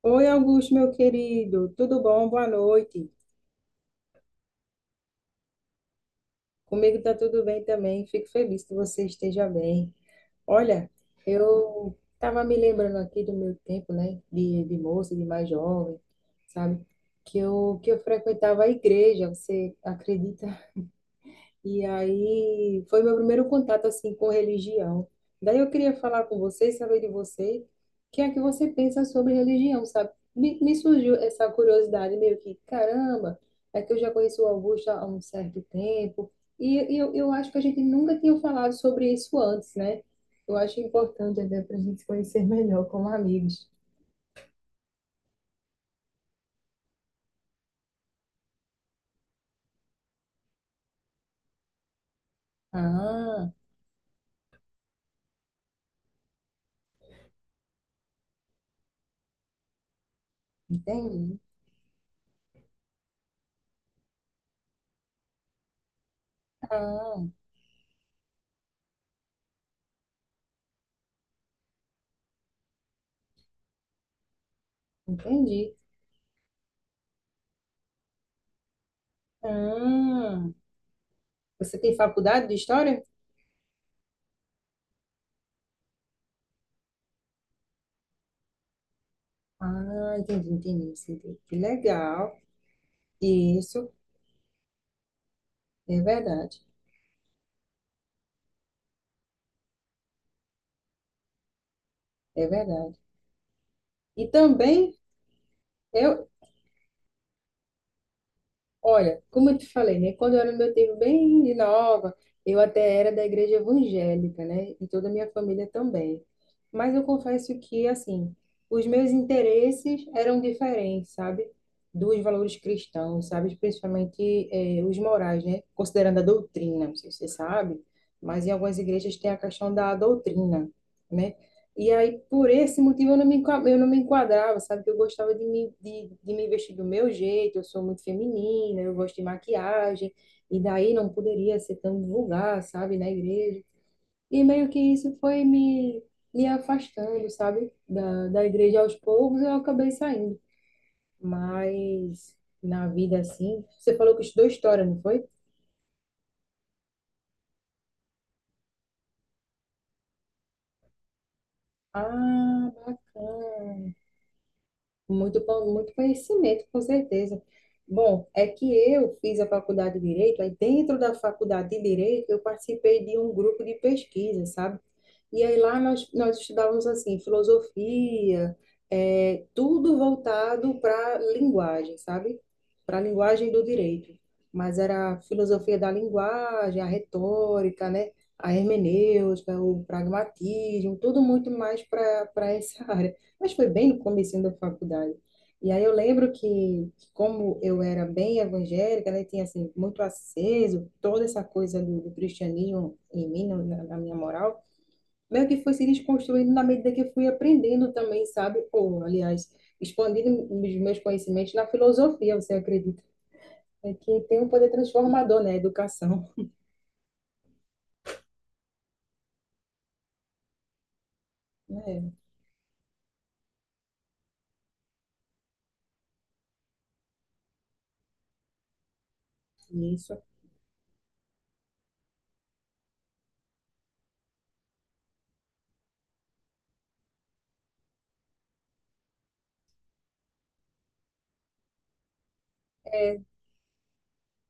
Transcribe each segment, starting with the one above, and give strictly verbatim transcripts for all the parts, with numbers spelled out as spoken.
Oi, Augusto, meu querido, tudo bom? Boa noite. Comigo tá tudo bem também. Fico feliz que você esteja bem. Olha, eu tava me lembrando aqui do meu tempo, né, de, de moça, de mais jovem, sabe? Que eu, que eu frequentava a igreja. Você acredita? E aí foi meu primeiro contato assim com religião. Daí eu queria falar com você, saber de você, o que é que você pensa sobre religião, sabe? Me, me surgiu essa curiosidade meio que, caramba, é que eu já conheço o Augusto há um certo tempo e, e eu, eu acho que a gente nunca tinha falado sobre isso antes, né? Eu acho importante até para a gente se conhecer melhor como amigos. Ah, entendi. Ah, entendi. Ah, você tem faculdade de história? Ah, entendi, entendi, entendi. Que legal. Isso, é verdade, é verdade. E também, eu, olha, como eu te falei, né? Quando eu era no meu tempo bem de nova, eu até era da igreja evangélica, né? E toda a minha família também. Mas eu confesso que, assim, os meus interesses eram diferentes, sabe? Dos valores cristãos, sabe? Principalmente, eh, os morais, né? Considerando a doutrina, não sei se você sabe, mas em algumas igrejas tem a questão da doutrina, né? E aí, por esse motivo, eu não me, enqua- eu não me enquadrava, sabe? Que eu gostava de me, de, de me vestir do meu jeito, eu sou muito feminina, eu gosto de maquiagem, e daí não poderia ser tão vulgar, sabe? Na igreja. E meio que isso foi me, me afastando, sabe? Da, da igreja aos poucos, eu acabei saindo. Mas na vida, assim, você falou que estudou história, não foi? Ah, bacana. Muito bom, muito conhecimento, com certeza. Bom, é que eu fiz a faculdade de Direito, aí dentro da faculdade de Direito eu participei de um grupo de pesquisa, sabe? E aí lá nós, nós estudávamos assim, filosofia, é, tudo voltado para linguagem, sabe? Para a linguagem do direito. Mas era a filosofia da linguagem, a retórica, né? A hermenêutica, o pragmatismo, tudo muito mais para essa área. Mas foi bem no começo da faculdade. E aí eu lembro que, como eu era bem evangélica, né, tinha assim, muito aceso toda essa coisa do, do cristianismo em mim, na, na minha moral, meio que foi se desconstruindo na medida que eu fui aprendendo também, sabe? Ou, aliás, expandindo os meus conhecimentos na filosofia, você acredita? É que tem um poder transformador, né? A educação, né? E isso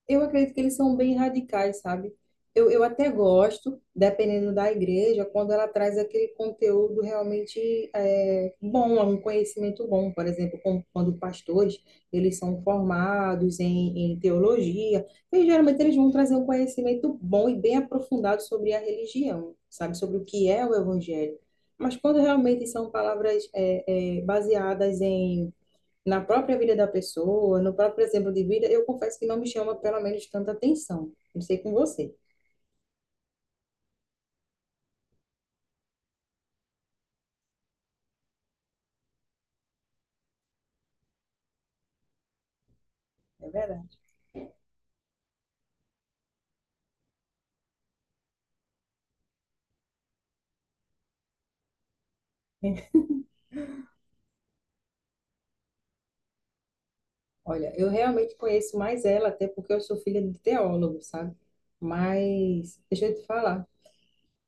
eu acredito que eles são bem radicais, sabe? Eu, eu até gosto, dependendo da igreja, quando ela traz aquele conteúdo realmente é, bom, um conhecimento bom. Por exemplo, com- quando pastores, eles são formados em, em teologia, e geralmente eles vão trazer um conhecimento bom e bem aprofundado sobre a religião, sabe? Sobre o que é o evangelho. Mas quando realmente são palavras é, é, baseadas em na própria vida da pessoa, no próprio exemplo de vida, eu confesso que não me chama pelo menos tanta atenção. Não sei com você, é verdade. Olha, eu realmente conheço mais ela, até porque eu sou filha de teólogo, sabe? Mas deixa eu te falar.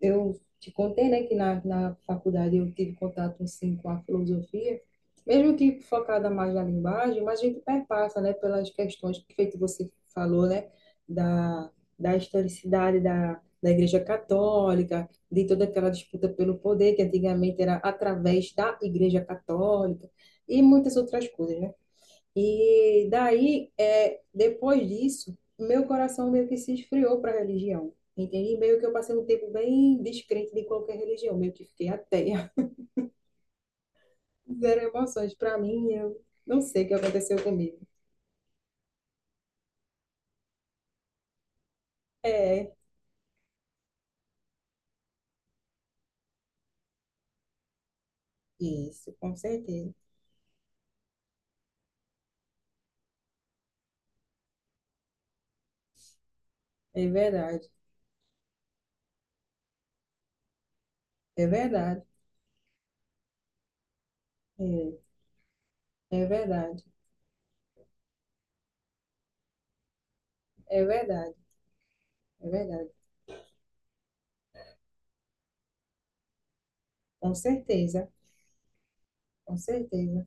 Eu te contei, né, que na, na faculdade eu tive contato, assim, com a filosofia, mesmo que focada mais na linguagem, mas a gente perpassa, né, pelas questões que feito você falou, né, da, da historicidade da, da Igreja Católica, de toda aquela disputa pelo poder, que antigamente era através da Igreja Católica, e muitas outras coisas, né? E daí, é, depois disso, meu coração meio que se esfriou para a religião, entende? E meio que eu passei um tempo bem descrente de qualquer religião, meio que fiquei ateia. Zero emoções para mim, eu não sei o que aconteceu comigo. É, isso, com certeza. É verdade, é verdade, é, é verdade, é verdade, é verdade. Com certeza, com certeza,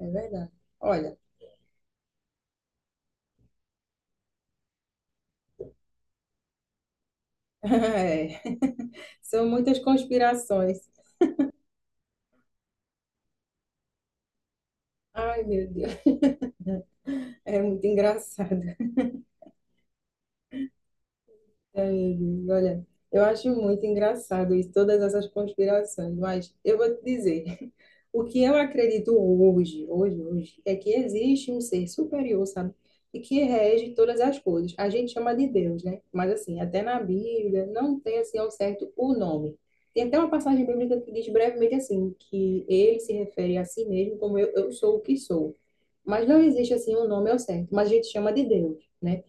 é verdade. Olha, é, são muitas conspirações. Ai, meu Deus, é muito engraçado. É, amigo, olha, eu acho muito engraçado isso, todas essas conspirações, mas eu vou te dizer, o que eu acredito hoje, hoje, hoje, é que existe um ser superior, sabe? E que rege todas as coisas. A gente chama de Deus, né? Mas assim, até na Bíblia não tem assim ao certo o nome. Tem até uma passagem bíblica que diz brevemente assim, que ele se refere a si mesmo como eu, eu sou o que sou. Mas não existe assim um nome ao certo, mas a gente chama de Deus, né?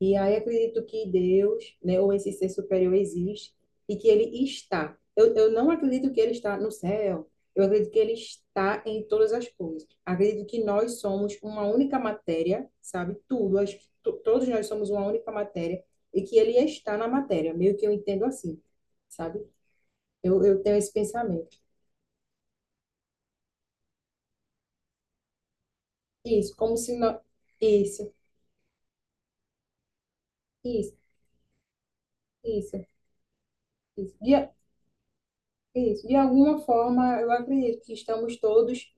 E aí acredito que Deus, né, ou esse ser superior existe e que ele está. Eu, eu não acredito que ele está no céu. Eu acredito que ele está em todas as coisas. Acredito que nós somos uma única matéria, sabe? Tudo, acho que to- todos nós somos uma única matéria e que ele está na matéria, meio que eu entendo assim, sabe? Eu, eu tenho esse pensamento. Isso, como se não... Isso, isso, isso, isso. E, isso. De alguma forma, eu acredito que estamos todos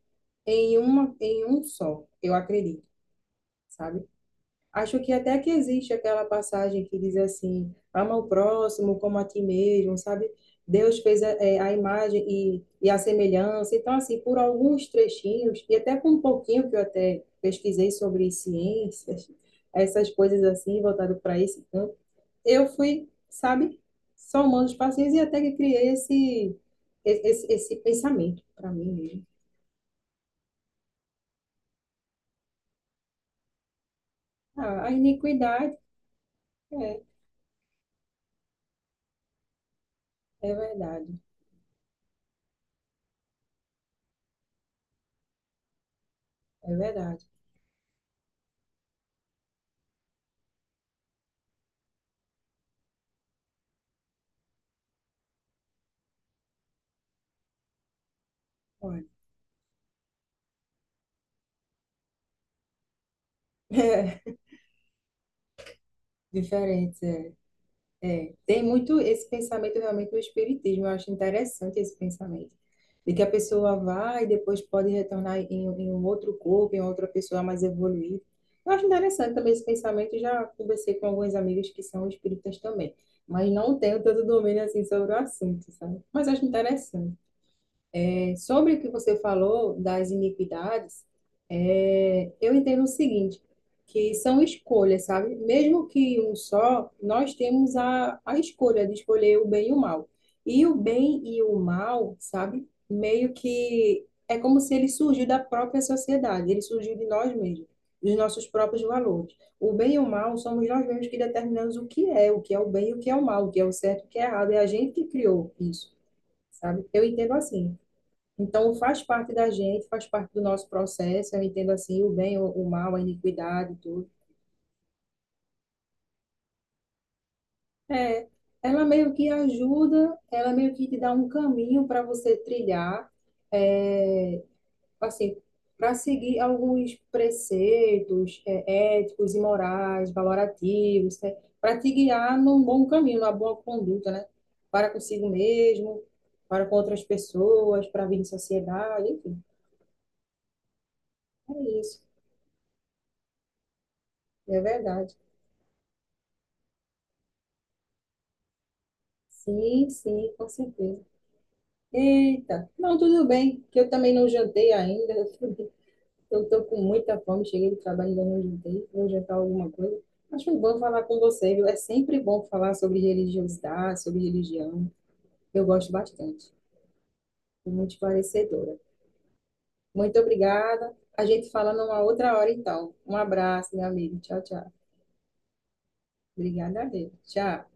em uma, em um só. Eu acredito, sabe? Acho que até que existe aquela passagem que diz assim: ama o próximo como a ti mesmo, sabe? Deus fez a, é, a imagem e, e a semelhança. Então, assim, por alguns trechinhos, e até com um pouquinho que eu até pesquisei sobre ciências, essas coisas assim, voltado para esse campo eu fui, sabe, somando os pacientes e até que criei esse, esse, esse pensamento para mim mesmo. Ah, a iniquidade, é, é verdade, é verdade. Olha, é diferente é. Tem muito esse pensamento realmente do espiritismo, eu acho interessante esse pensamento, de que a pessoa vai e depois pode retornar em, em um outro corpo, em outra pessoa mais evoluída. Eu acho interessante também esse pensamento, já conversei com alguns amigos que são espíritas também, mas não tenho tanto domínio assim sobre o assunto, sabe? Mas acho interessante. É, sobre o que você falou das iniquidades, é, eu entendo o seguinte, que são escolhas, sabe? Mesmo que um só, nós temos a, a escolha de escolher o bem e o mal. E o bem e o mal, sabe? Meio que é como se ele surgiu da própria sociedade, ele surgiu de nós mesmos, dos nossos próprios valores. O bem e o mal somos nós mesmos que determinamos o que é, o que é o bem e o que é o mal, o que é o certo e o que é errado. É a gente que criou isso, sabe? Eu entendo assim. Então, faz parte da gente, faz parte do nosso processo, eu entendo assim, o bem, o, o mal, a iniquidade, tudo. É, ela meio que ajuda, ela meio que te dá um caminho para você trilhar, é, assim, para seguir alguns preceitos, é, éticos e morais, valorativos, né? Para te guiar num bom caminho, numa boa conduta, né? Para consigo mesmo, para com outras pessoas, para vir em sociedade, enfim, é isso, é verdade. Sim, sim, com certeza. Eita, não, tudo bem, que eu também não jantei ainda. Eu estou com muita fome, cheguei do trabalho e ainda não jantei. Vou jantar alguma coisa. Mas foi bom falar com você, viu? É sempre bom falar sobre religiosidade, sobre religião. Eu gosto bastante. Fui muito esclarecedora. Muito obrigada. A gente fala numa outra hora, então. Um abraço, meu amigo. Tchau, tchau. Obrigada a Deus. Tchau.